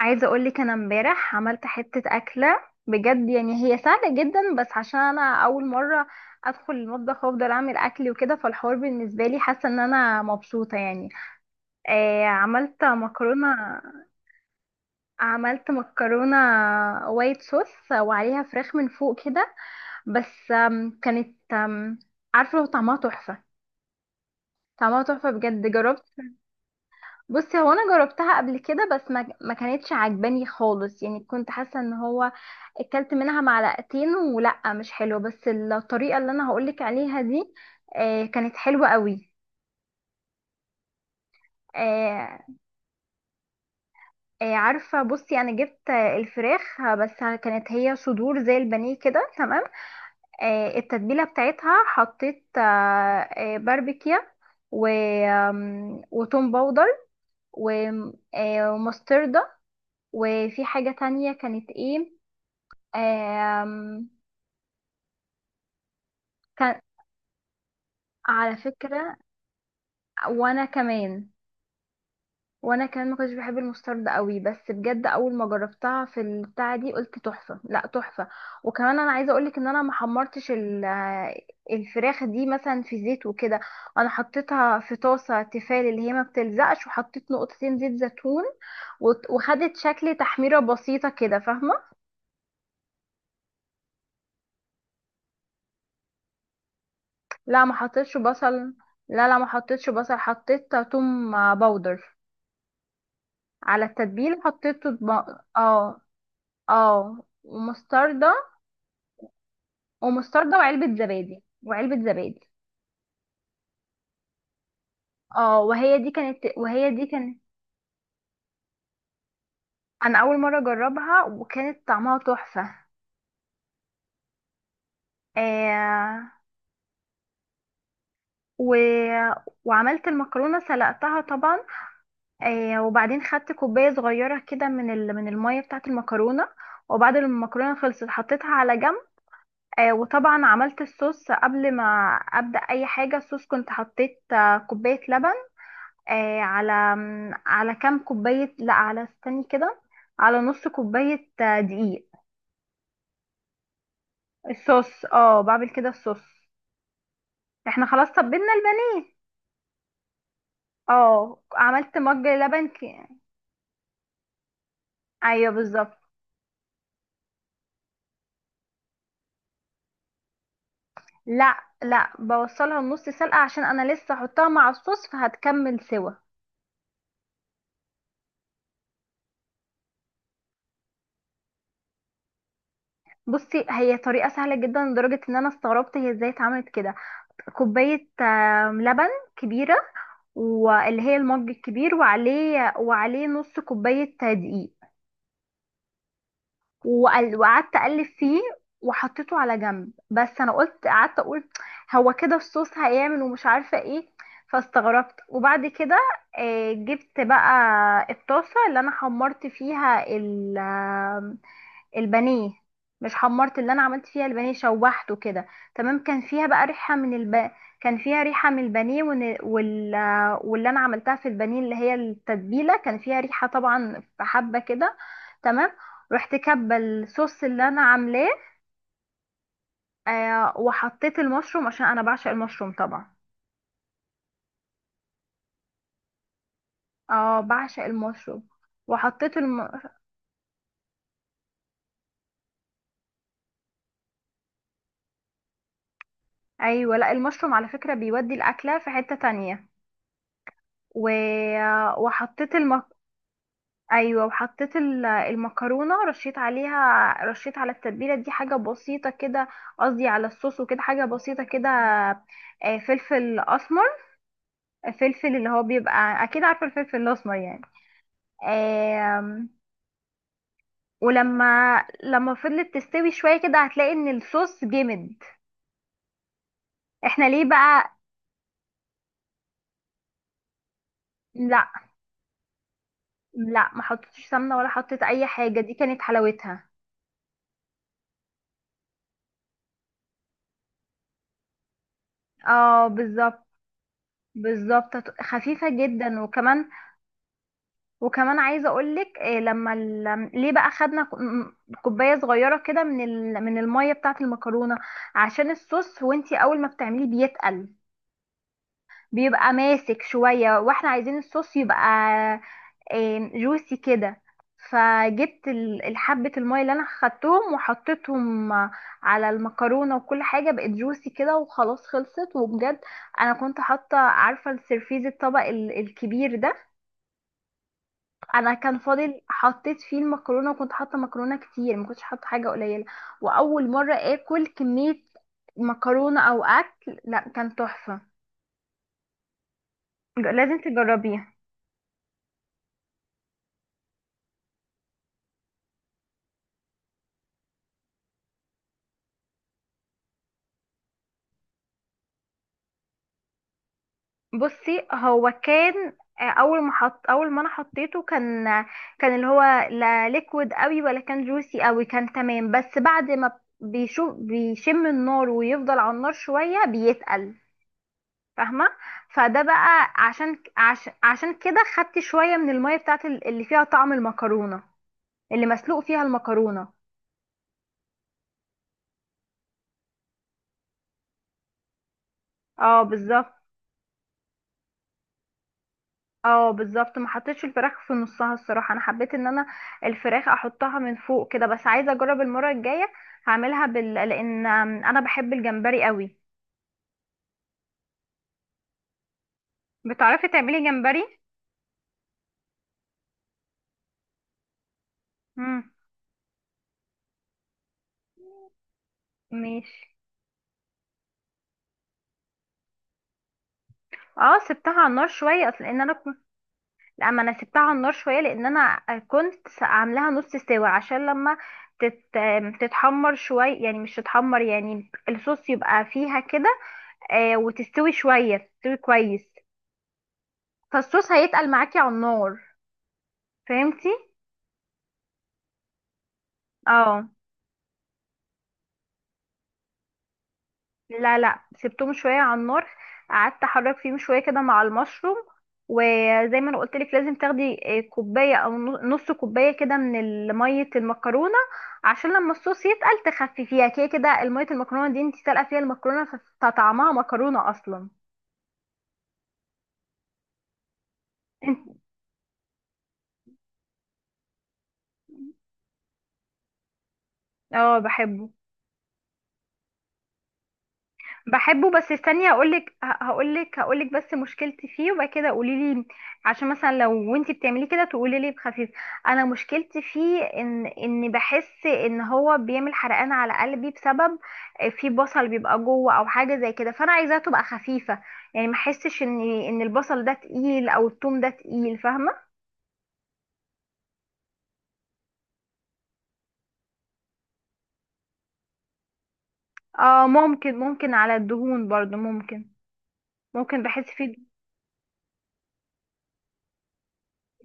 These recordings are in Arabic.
عايزه اقول لك انا امبارح عملت حته اكله بجد. يعني هي سهله جدا، بس عشان انا اول مره ادخل المطبخ وافضل اعمل اكل وكده، فالحوار بالنسبه لي حاسه ان انا مبسوطه يعني. آه، عملت مكرونه. عملت مكرونه وايت صوص وعليها فراخ من فوق كده. بس كانت عارفه لو طعمها تحفه؟ طعمها تحفه بجد، جربت. بصي، هو انا جربتها قبل كده بس ما كانتش عجباني خالص، يعني كنت حاسه ان هو اكلت منها معلقتين ولا مش حلو، بس الطريقه اللي انا هقولك عليها دي كانت حلوه قوي. آه، عارفه، بصي انا جبت الفراخ بس كانت هي صدور زي البانيه كده، تمام. التتبيله بتاعتها حطيت باربيكيا، و وتوم باودر، ومستردة. وفي حاجة تانية كانت ايه؟ آم، كان. على فكرة. وانا كمان. وانا كمان ما كنتش بحب المسترد قوي، بس بجد اول ما جربتها في البتاعة دي قلت تحفة، لا تحفة. وكمان انا عايزة اقولك ان انا ما حمرتش الفراخ دي مثلا في زيت وكده. انا حطيتها في طاسة تيفال اللي هي ما بتلزقش، وحطيت نقطتين زيت زيتون، وخدت شكل تحميرة بسيطة كده، فاهمة؟ لا، ما حطيتش بصل. لا، ما حطيتش بصل، حطيت توم باودر. على التتبيل حطيت اه. اه، ومستردة. ومستردة وعلبة زبادي. وعلبة زبادي. اه، وهي دي كانت وهي دي كانت. انا اول مرة اجربها وكانت طعمها تحفة. آه. و... وعملت المكرونة، سلقتها طبعا. آه، وبعدين خدت كوباية صغيرة كده من من المية بتاعة المكرونة، وبعد ما المكرونة خلصت حطيتها على جنب. آه، وطبعا عملت الصوص قبل ما ابدأ اي حاجة. الصوص كنت حطيت كوباية لبن آه، على على كام كوباية لا على استني كده، على نص كوباية دقيق. الصوص، اه بعمل كده الصوص. احنا خلاص طبينا البانيه. اه، عملت مج لبن ايوه بالظبط. لا، بوصلها النص سلقة عشان انا لسه احطها مع الصوص فهتكمل سوا. بصي، هي طريقة سهلة جدا لدرجة ان انا استغربت هي ازاي اتعملت كده. كوباية لبن كبيرة، واللي هي المج الكبير، وعليه نص كوباية دقيق. وقعدت اقلب فيه، وحطيته على جنب. بس انا قلت، قعدت اقول هو كده الصوص هيعمل، ومش عارفه ايه، فاستغربت. وبعد كده جبت بقى الطاسه اللي انا حمرت فيها البانيه. مش حمرت، اللي انا عملت فيها البانيه، شوحته كده. تمام، كان فيها بقى ريحه من كان فيها ريحه من البانيه واللي انا عملتها في البانيه اللي هي التتبيله كان فيها ريحه طبعا، في حبه كده. تمام، رحت كبه الصوص اللي انا عاملاه. آه، وحطيت المشروم عشان انا بعشق المشروم طبعا. اه، بعشق المشروم. وحطيت الم... ايوه. لا، المشروم على فكره بيودي الاكله في حته تانية. و... وحطيت المك... ايوه، وحطيت المكرونه، رشيت على التتبيله دي حاجه بسيطه كده، قصدي على الصوص، وكده حاجه بسيطه كده. فلفل اسمر، فلفل اللي هو بيبقى اكيد عارفه الفلفل الاسمر يعني. آم، ولما لما فضلت تستوي شويه كده هتلاقي ان الصوص جمد. احنا ليه بقى؟ لا لا، ما حطيتش سمنه ولا حطيت اي حاجه، دي كانت حلاوتها. اه بالظبط. بالظبط، خفيفة جدا. وكمان، وكمان عايزه اقولك إيه، لما ليه بقى خدنا كوبايه صغيره كده من من الميه بتاعه المكرونه، عشان الصوص وانتي اول ما بتعمليه بيتقل، بيبقى ماسك شويه، واحنا عايزين الصوص يبقى إيه، جوسي كده. فجبت الحبه الميه اللي انا خدتهم وحطيتهم على المكرونه، وكل حاجه بقت جوسي كده، وخلاص خلصت وبجد. انا كنت حاطه، عارفه السرفيز الطبق الكبير ده، انا كان فاضل حطيت فيه المكرونه، وكنت حاطه مكرونه كتير، ما كنتش حاطه حاجه قليله. واول مره اكل كميه مكرونه او اكل، لا كان تحفه. لازم تجربيه. بصي، هو كان اول ما انا حطيته كان كان اللي هو لا ليكويد قوي ولا كان جوسي قوي، كان تمام. بس بعد ما بيشوف، بيشم النار ويفضل على النار شويه، بيتقل، فاهمه؟ فده بقى عشان عشان كده خدت شويه من الميه بتاعت اللي فيها طعم المكرونه، اللي مسلوق فيها المكرونه. اه بالظبط. اه بالظبط، ما حطيتش الفراخ في نصها الصراحه، انا حبيت ان انا الفراخ احطها من فوق كده. بس عايزه اجرب المره الجايه هعملها لان انا بحب الجمبري قوي. بتعرفي تعملي جمبري؟ امم، ماشي. اه، سبتها على النار شويه، اصل ان انا، لا، ما انا سبتها على النار شويه لان انا كنت عاملاها نص سوا، عشان لما تت... تتحمر شويه، يعني مش تتحمر يعني، الصوص يبقى فيها كده. آه، وتستوي شويه، تستوي كويس، فالصوص هيتقل معاكي على النار. فهمتي؟ اه. لا، سبتهم شويه على النار، قعدت احرك فيهم شويه كده مع المشروم. وزي ما انا قلت لك، لازم تاخدي كوبايه او نص كوبايه كده من ميه المكرونه، عشان لما الصوص يتقل تخففيها كده كده. الميه المكرونه دي انت سالقه فيها المكرونه، فطعمها مكرونه اصلا. انت. اه بحبه. بحبه، بس استني هقولك هقولك بس مشكلتي فيه وبعد كده قولي لي، عشان مثلا لو وانتي بتعمليه كده تقولي لي بخفيف. انا مشكلتي فيه ان بحس ان هو بيعمل حرقان على قلبي، بسبب في بصل بيبقى جوه او حاجه زي كده، فانا عايزاها تبقى خفيفه، يعني ما احسش ان البصل ده تقيل او التوم ده تقيل، فاهمه؟ اه ممكن، ممكن على الدهون برضو ممكن، ممكن بحس فيه.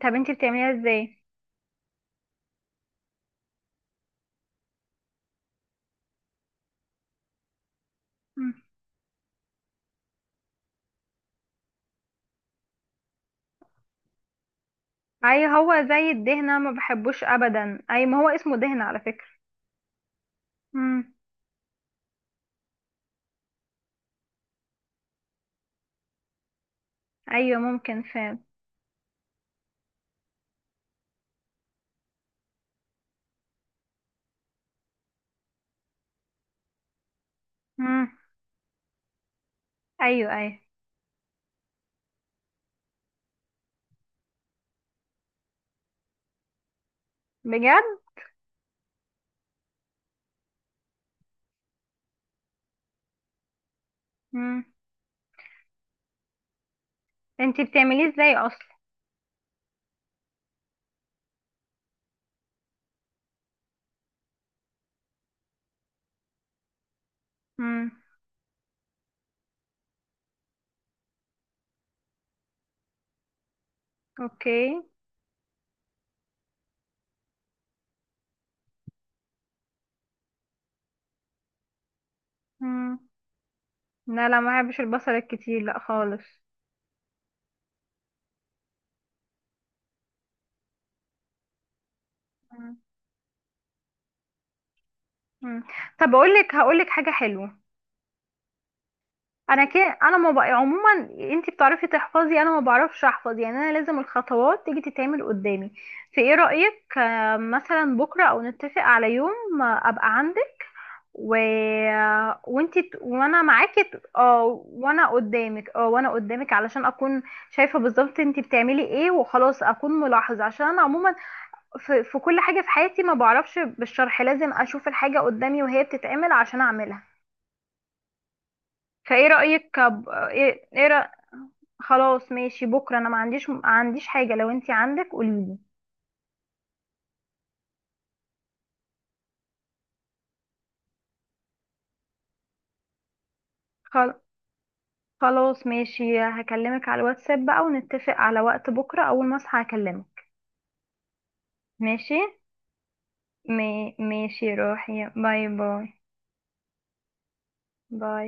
طب انتي بتعمليها ازاي؟ اي هو زي الدهنة، ما بحبوش ابدا. اي، ما هو اسمه دهنة على فكرة. مم. ايوه ممكن فعلا. مم. ايوه ايوه. بجد. مم. انتي بتعمليه ازاي اصلا؟ مم. اوكي. مم. لا، ما بحبش البصل الكتير، لا خالص. مم. مم. طب اقول لك، هقول لك حاجة حلوة. انا كده انا ما بقى عموما، انتي بتعرفي تحفظي، انا ما بعرفش احفظ يعني، انا لازم الخطوات تيجي تتعمل قدامي. في ايه رأيك مثلا بكرة او نتفق على يوم ابقى عندك، و... وانت، وانا معاكي وانا قدامك. اه وانا قدامك، علشان اكون شايفه بالظبط انت بتعملي ايه وخلاص، اكون ملاحظه، عشان انا عموما في كل حاجه في حياتي ما بعرفش بالشرح، لازم اشوف الحاجه قدامي وهي بتتعمل عشان اعملها. فايه رايك خلاص ماشي، بكره انا ما عنديش، ما عنديش حاجه، لو انت عندك قوليلي. خل... خلاص ماشي، هكلمك على الواتساب بقى ونتفق على وقت بكره، اول ما اصحى هكلمك. ماشي. ماشي، روحي، باي باي. باي